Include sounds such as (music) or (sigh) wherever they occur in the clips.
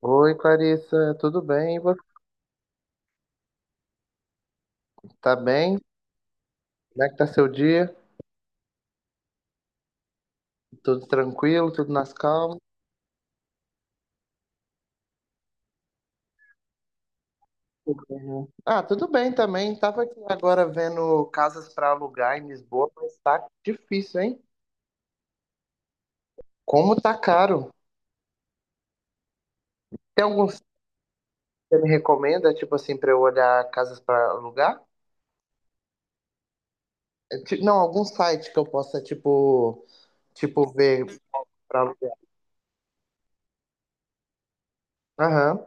Oi, Clarissa, tudo bem? E você? Tá bem? Como é que tá seu dia? Tudo tranquilo, tudo nas calmas? Ah, tudo bem também. Tava aqui agora vendo casas para alugar em Lisboa, mas tá difícil, hein? Como tá caro? Tem algum site que você me recomenda, tipo assim, para eu olhar casas para alugar? É, Não, algum site que eu possa, tipo, tipo ver para alugar. Aham,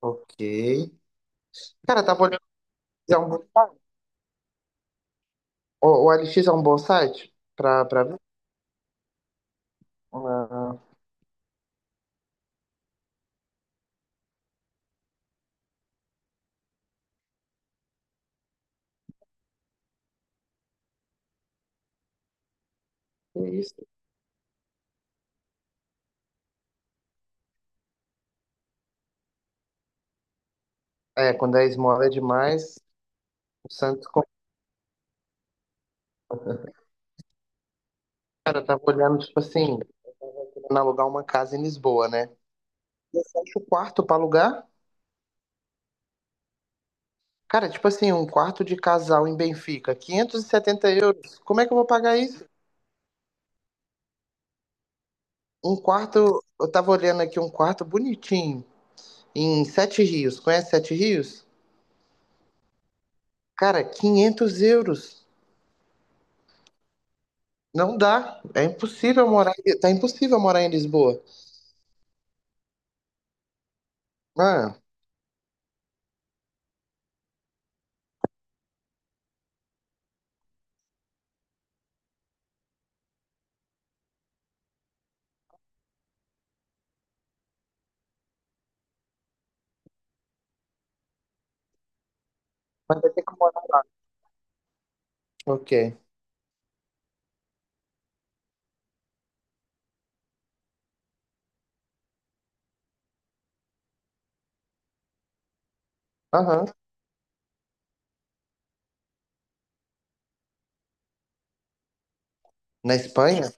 ok. Cara, tava olhando, é um bom- o OLX é um bom site para ver? Ah, que isso? É, quando a esmola é demais, o Santos como tava olhando, tipo assim, querendo alugar uma casa em Lisboa, né? Eu acho o quarto pra alugar. Cara, tipo assim, um quarto de casal em Benfica, 570 euros. Como é que eu vou pagar isso? Um quarto, eu tava olhando aqui um quarto bonitinho, em Sete Rios. Conhece Sete Rios? Cara, 500 euros. Não dá. É impossível morar. Tá impossível morar em Lisboa. Ah, mas vai ter que morar. Ok. Aham. Na Espanha?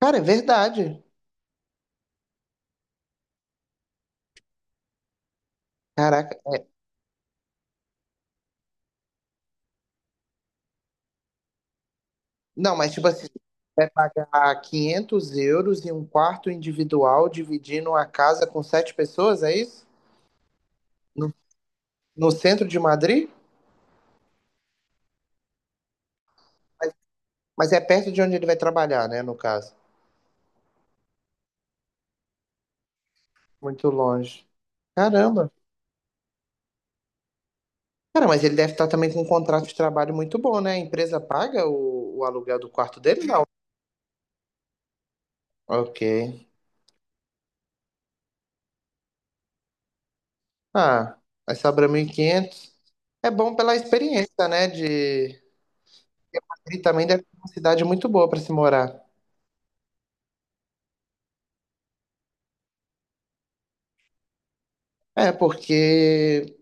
Cara, é verdade. Caraca. Não, mas tipo assim, vai pagar 500 euros em um quarto individual dividindo a casa com 7 pessoas, é isso? No, no centro de Madrid? Mas é perto de onde ele vai trabalhar, né, no caso. Muito longe. Caramba. Cara, mas ele deve estar também com um contrato de trabalho muito bom, né? A empresa paga o aluguel do quarto dele? Não. Ok. Ah, vai sobrar 1.500. É bom pela experiência, né? De... E também deve ser uma cidade muito boa para se morar. É, porque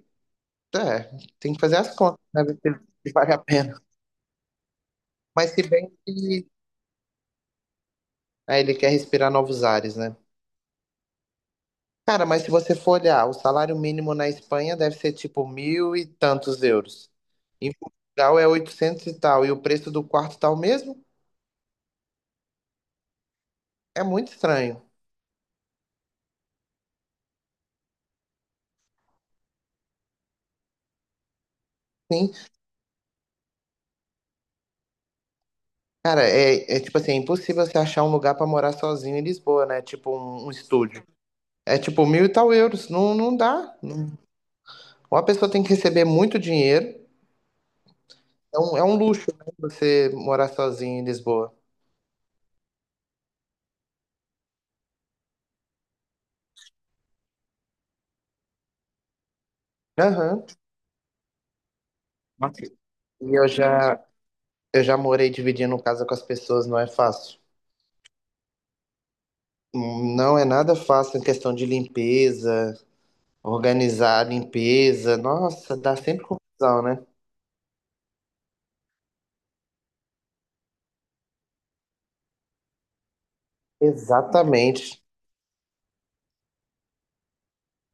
É, tem que fazer as contas, né? Ver se vale a pena. Mas se bem que aí ele quer respirar novos ares, né? Cara, mas se você for olhar, o salário mínimo na Espanha deve ser tipo 1.000 e tantos euros. Em Portugal é 800 e tal, e o preço do quarto tá o mesmo? É muito estranho. Sim, cara, é, é tipo assim, é impossível você achar um lugar pra morar sozinho em Lisboa, né? Tipo um estúdio. É tipo 1.000 e tal euros, não, não dá. Não- Ou a pessoa tem que receber muito dinheiro. É é um luxo, né, você morar sozinho em Lisboa. Aham. E eu já, eu já morei dividindo casa com as pessoas, não é fácil. Não é nada fácil em questão de limpeza, organizar a limpeza. Nossa, dá sempre confusão, né? Exatamente.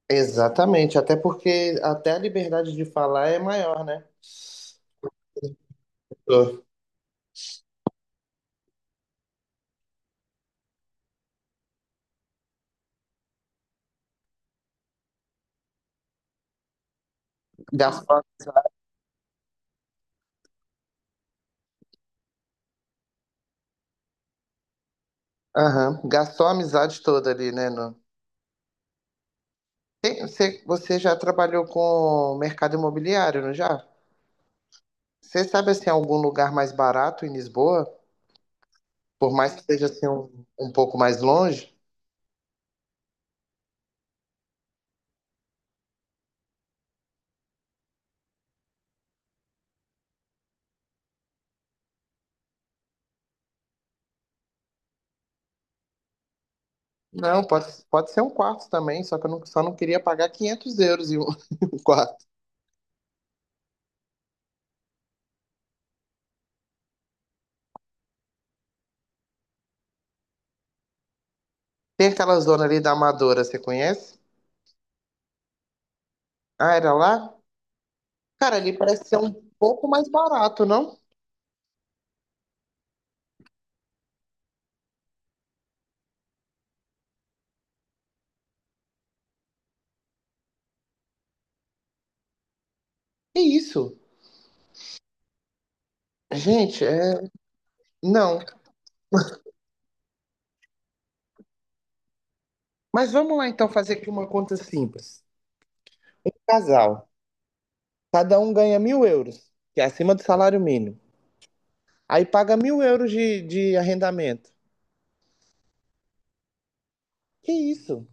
Exatamente. Até porque até a liberdade de falar é maior, né? Tô. Gastou, aham, gastou a amizade toda ali, né? Você, já trabalhou com mercado imobiliário, não já? Você sabe assim algum lugar mais barato em Lisboa? Por mais que seja assim um pouco mais longe? Não, pode ser um quarto também, só que eu não, só não queria pagar 500 euros em um, (laughs) em um quarto. Tem aquela zona ali da Amadora, você conhece? Ah, era lá? Cara, ali parece ser um pouco mais barato, não? Que isso? Gente, é... não. Mas vamos lá então fazer aqui uma conta simples. Casal, cada um ganha 1.000 euros, que é acima do salário mínimo. Aí paga 1.000 euros de arrendamento. Que isso?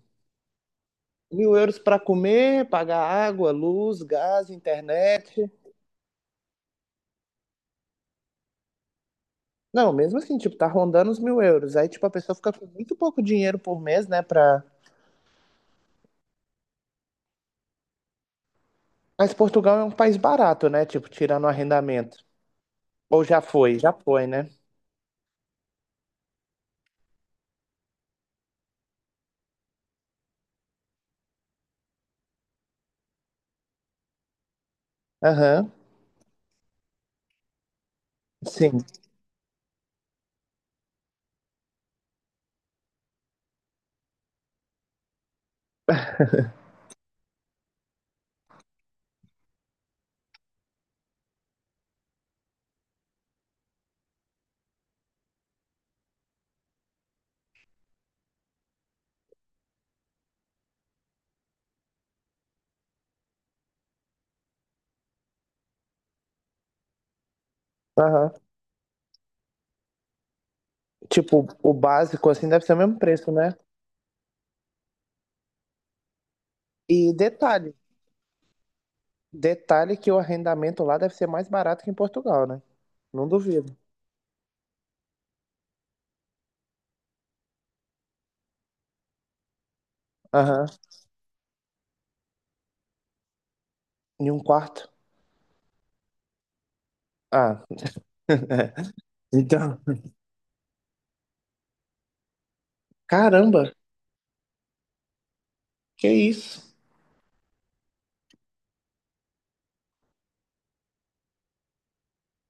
Mil euros para comer, pagar água, luz, gás, internet. Não, mesmo assim, tipo, tá rondando os 1.000 euros. Aí, tipo, a pessoa fica com muito pouco dinheiro por mês, né? Pra... Mas Portugal é um país barato, né? Tipo, tirando o arrendamento. Ou já foi, né? Aham, sim. Aham. Tipo, o básico, assim, deve ser o mesmo preço, né? E detalhe que o arrendamento lá deve ser mais barato que em Portugal, né? Não duvido. Aham. Em um quarto. Ah, (laughs) então. Caramba! Que isso?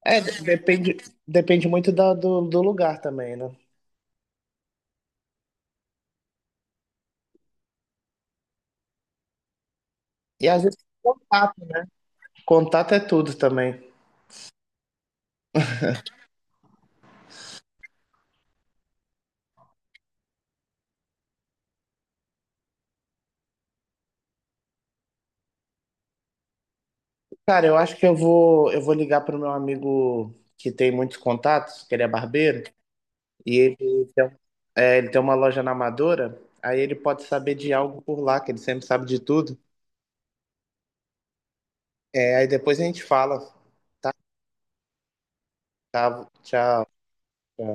É, depende, depende muito do lugar também, né? E às vezes contato. Contato é tudo também. Cara, eu acho que eu vou ligar pro meu amigo que tem muitos contatos, que ele é barbeiro, e ele tem, é, ele tem uma loja na Amadora, aí ele pode saber de algo por lá, que ele sempre sabe de tudo. É, aí depois a gente fala. Tá, Tá, tchau.